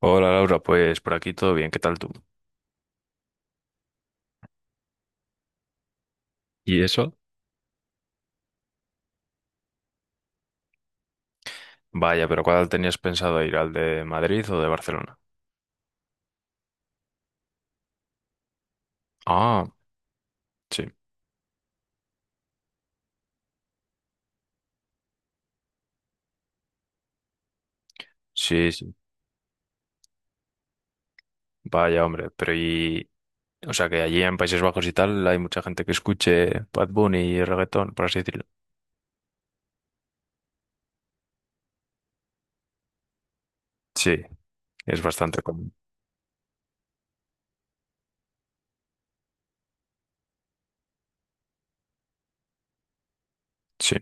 Hola Laura, pues por aquí todo bien, ¿qué tal tú? ¿Y eso? Vaya, pero ¿cuál tenías pensado ir? ¿Al de Madrid o de Barcelona? Ah, sí, sí, sí. Vaya, hombre, pero y... O sea, que allí en Países Bajos y tal hay mucha gente que escuche Bad Bunny y reggaetón, por así decirlo. Sí, es bastante común. Sí,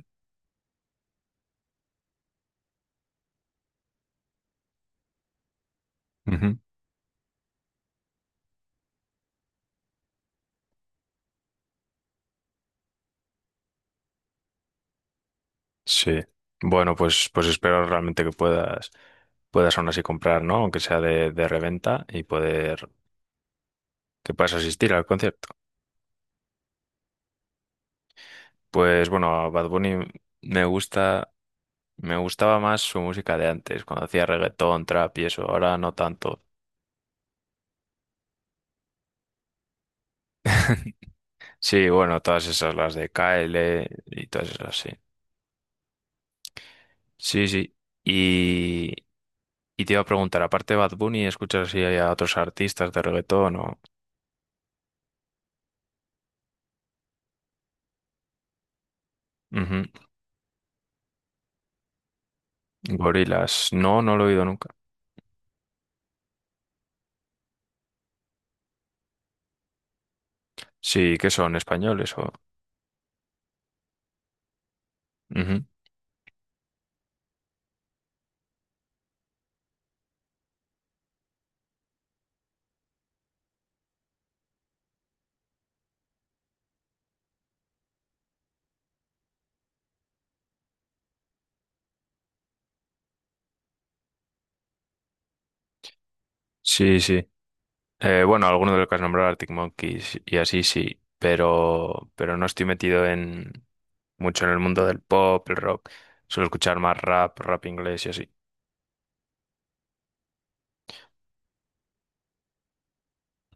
ujú, sí. Bueno, pues espero realmente que puedas aún así comprar, ¿no? Aunque sea de reventa y poder... que puedas asistir al concierto. Pues bueno, a Bad Bunny me gusta... Me gustaba más su música de antes, cuando hacía reggaetón, trap y eso, ahora no tanto. Sí, bueno, todas esas, las de KL y todas esas, sí. Sí, sí. Y, y te iba a preguntar, aparte de Bad Bunny, ¿escuchas si hay a otros artistas de reggaetón o...? Ujú. Gorilas. No, no lo he oído nunca. Sí, ¿qué son? ¿Españoles o...? Ujú. Sí, sí. Bueno, alguno de los que has nombrado, Arctic Monkeys y así sí, pero no estoy metido en mucho en el mundo del pop, el rock. Suelo escuchar más rap, rap inglés y así.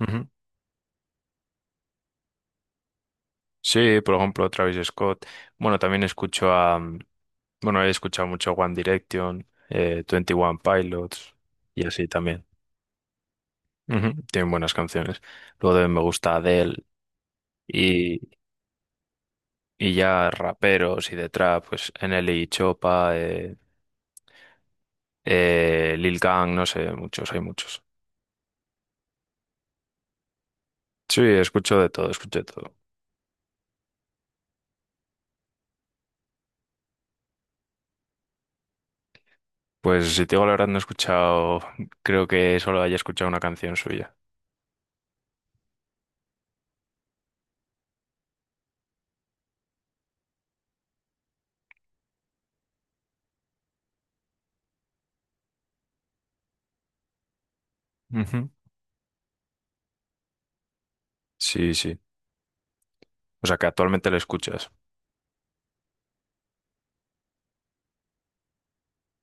Ujú. Sí, por ejemplo, Travis Scott. Bueno, también escucho a... Bueno, he escuchado mucho One Direction, twenty One Pilots y así también. Ujú. Tienen buenas canciones. Luego también me gusta Adele y, y ya raperos y de trap, pues NLE y Chopa, Lil Gang, no sé, muchos, hay muchos. Sí, escucho de todo, escucho de todo. Pues si te digo la verdad, no he escuchado, creo que solo haya escuchado una canción suya. Ujú. Sí, sí. O sea, que actualmente lo escuchas.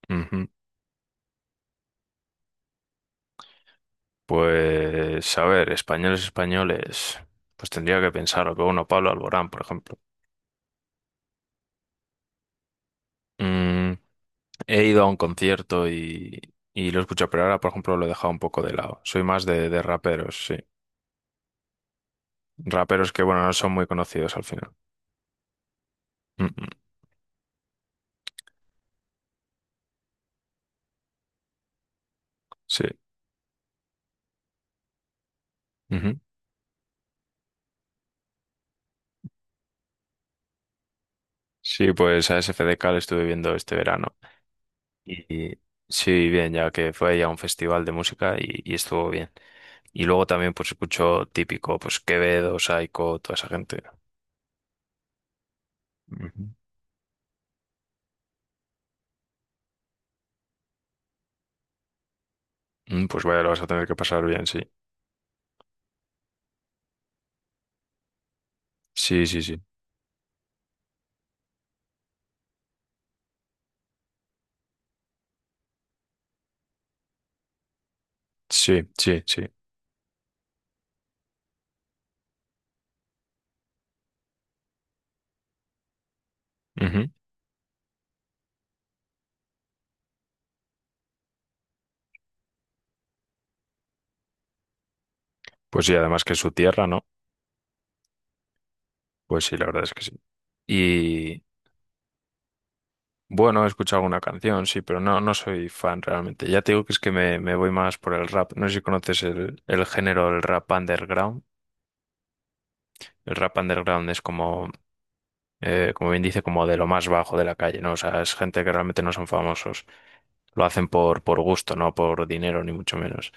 Ujú. Pues, a ver, españoles, españoles. Pues tendría que pensar, que uno, Pablo Alborán, por ejemplo. Mm, He ido a un concierto y lo he escuchado, pero ahora, por ejemplo, lo he dejado un poco de lado. Soy más de raperos, sí. Raperos que, bueno, no son muy conocidos al final. Mm, mm, sí. Ujú. Sí, pues a SFDK lo estuve viendo este verano. Y sí, bien, ya que fue ya un festival de música y estuvo bien. Y luego también pues escucho típico, pues Quevedo, Saiko, toda esa gente. Ujú. Pues vaya, lo vas a tener que pasar bien, sí. Sí, sí, sí. Sí, sí, sí. Ujú. Pues sí, además que es su tierra, ¿no? Pues sí, la verdad es que sí. Y bueno, he escuchado alguna canción, sí, pero no, no soy fan realmente. Ya te digo que es que me voy más por el rap. No sé si conoces el género del rap underground. El rap underground es como, como bien dice, como de lo más bajo de la calle, ¿no? O sea, es gente que realmente no son famosos. Lo hacen por gusto, no por dinero, ni mucho menos.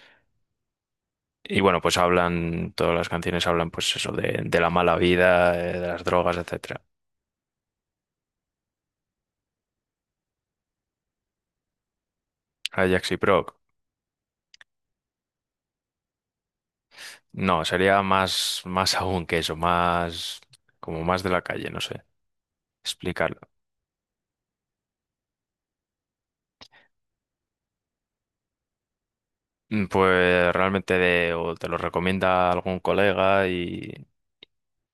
Y bueno, pues hablan, todas las canciones hablan, pues eso, de la mala vida, de las drogas, etcétera. Ajax y Proc. No, sería más, más aún que eso, más, como más de la calle, no sé, explicarlo. Pues realmente o te lo recomienda algún colega y,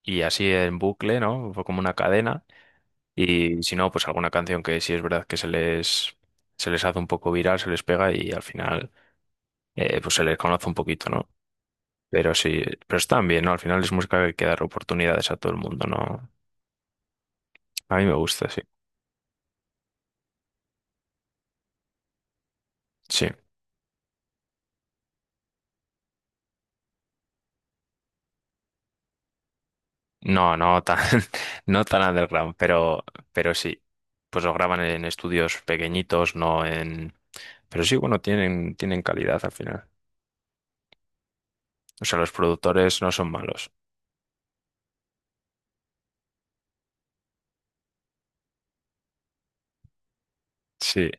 y así en bucle, ¿no? Fue como una cadena. Y si no, pues alguna canción que sí es verdad que se les hace un poco viral, se les pega y al final pues se les conoce un poquito, ¿no? Pero sí, pero están bien, ¿no? Al final es música que hay que dar oportunidades a todo el mundo, ¿no? A mí me gusta, sí. Sí. No, no tan, no tan underground, pero sí. Pues lo graban en estudios pequeñitos, no en... Pero sí, bueno, tienen calidad al final. O sea, los productores no son malos. Sí,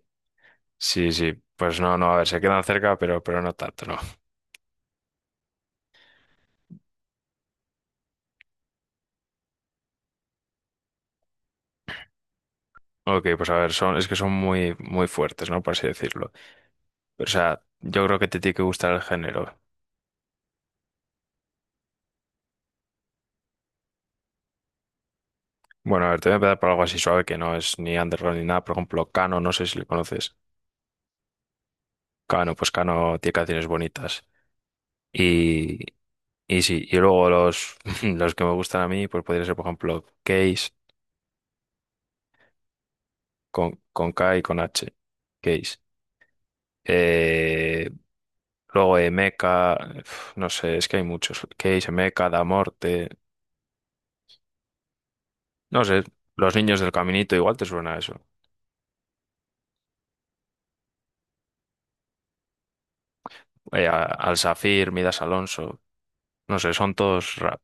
sí, sí. Pues no, no, a ver, se quedan cerca, pero no tanto, ¿no? Ok, pues a ver, es que son muy, muy fuertes, ¿no? Por así decirlo. Pero, o sea, yo creo que te tiene que gustar el género. Bueno, a ver, te voy a empezar por algo así suave que no es ni underground ni nada. Por ejemplo, Cano, no sé si le conoces. Cano, pues Cano tiene canciones bonitas. Y, y sí, y luego los, los que me gustan a mí, pues podría ser, por ejemplo, Case, con K y con H. Case. Eh, luego Emeka, uf, no sé, es que hay muchos. Case, Emeka, Da morte. No sé, Los Niños del Caminito, igual te suena eso. Al Safir, Midas Alonso, no sé, son todos rap.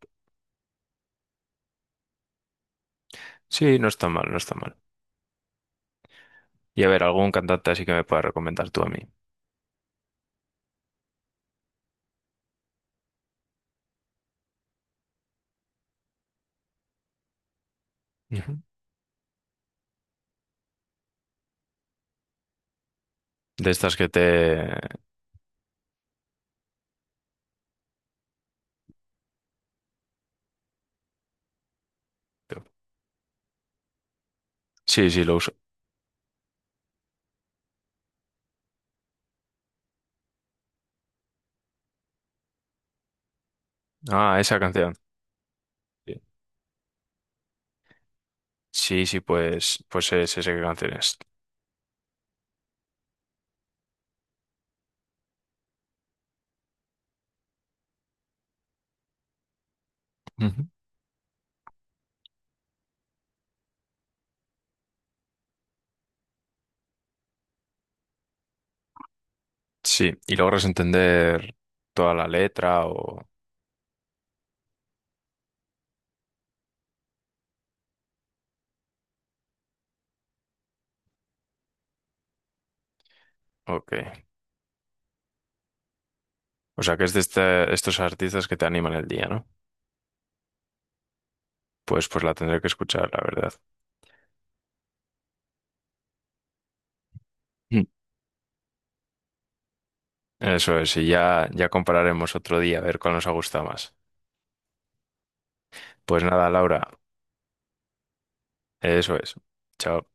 Sí, no está mal, no está mal. Y a ver, algún cantante así que me puedas recomendar tú a mí. Ujú. De estas que te... Sí, sí, lo uso. Ah, esa canción. Sí, sí, sí, pues es esa canción es. Ujú. Sí, y logras entender toda la letra o... Ok. O sea, que es de estos artistas que te animan el día, ¿no? Pues la tendré que escuchar, la verdad. Mm. Eso es, y ya compararemos otro día a ver cuál nos ha gustado más. Pues nada, Laura, eso es. Chao.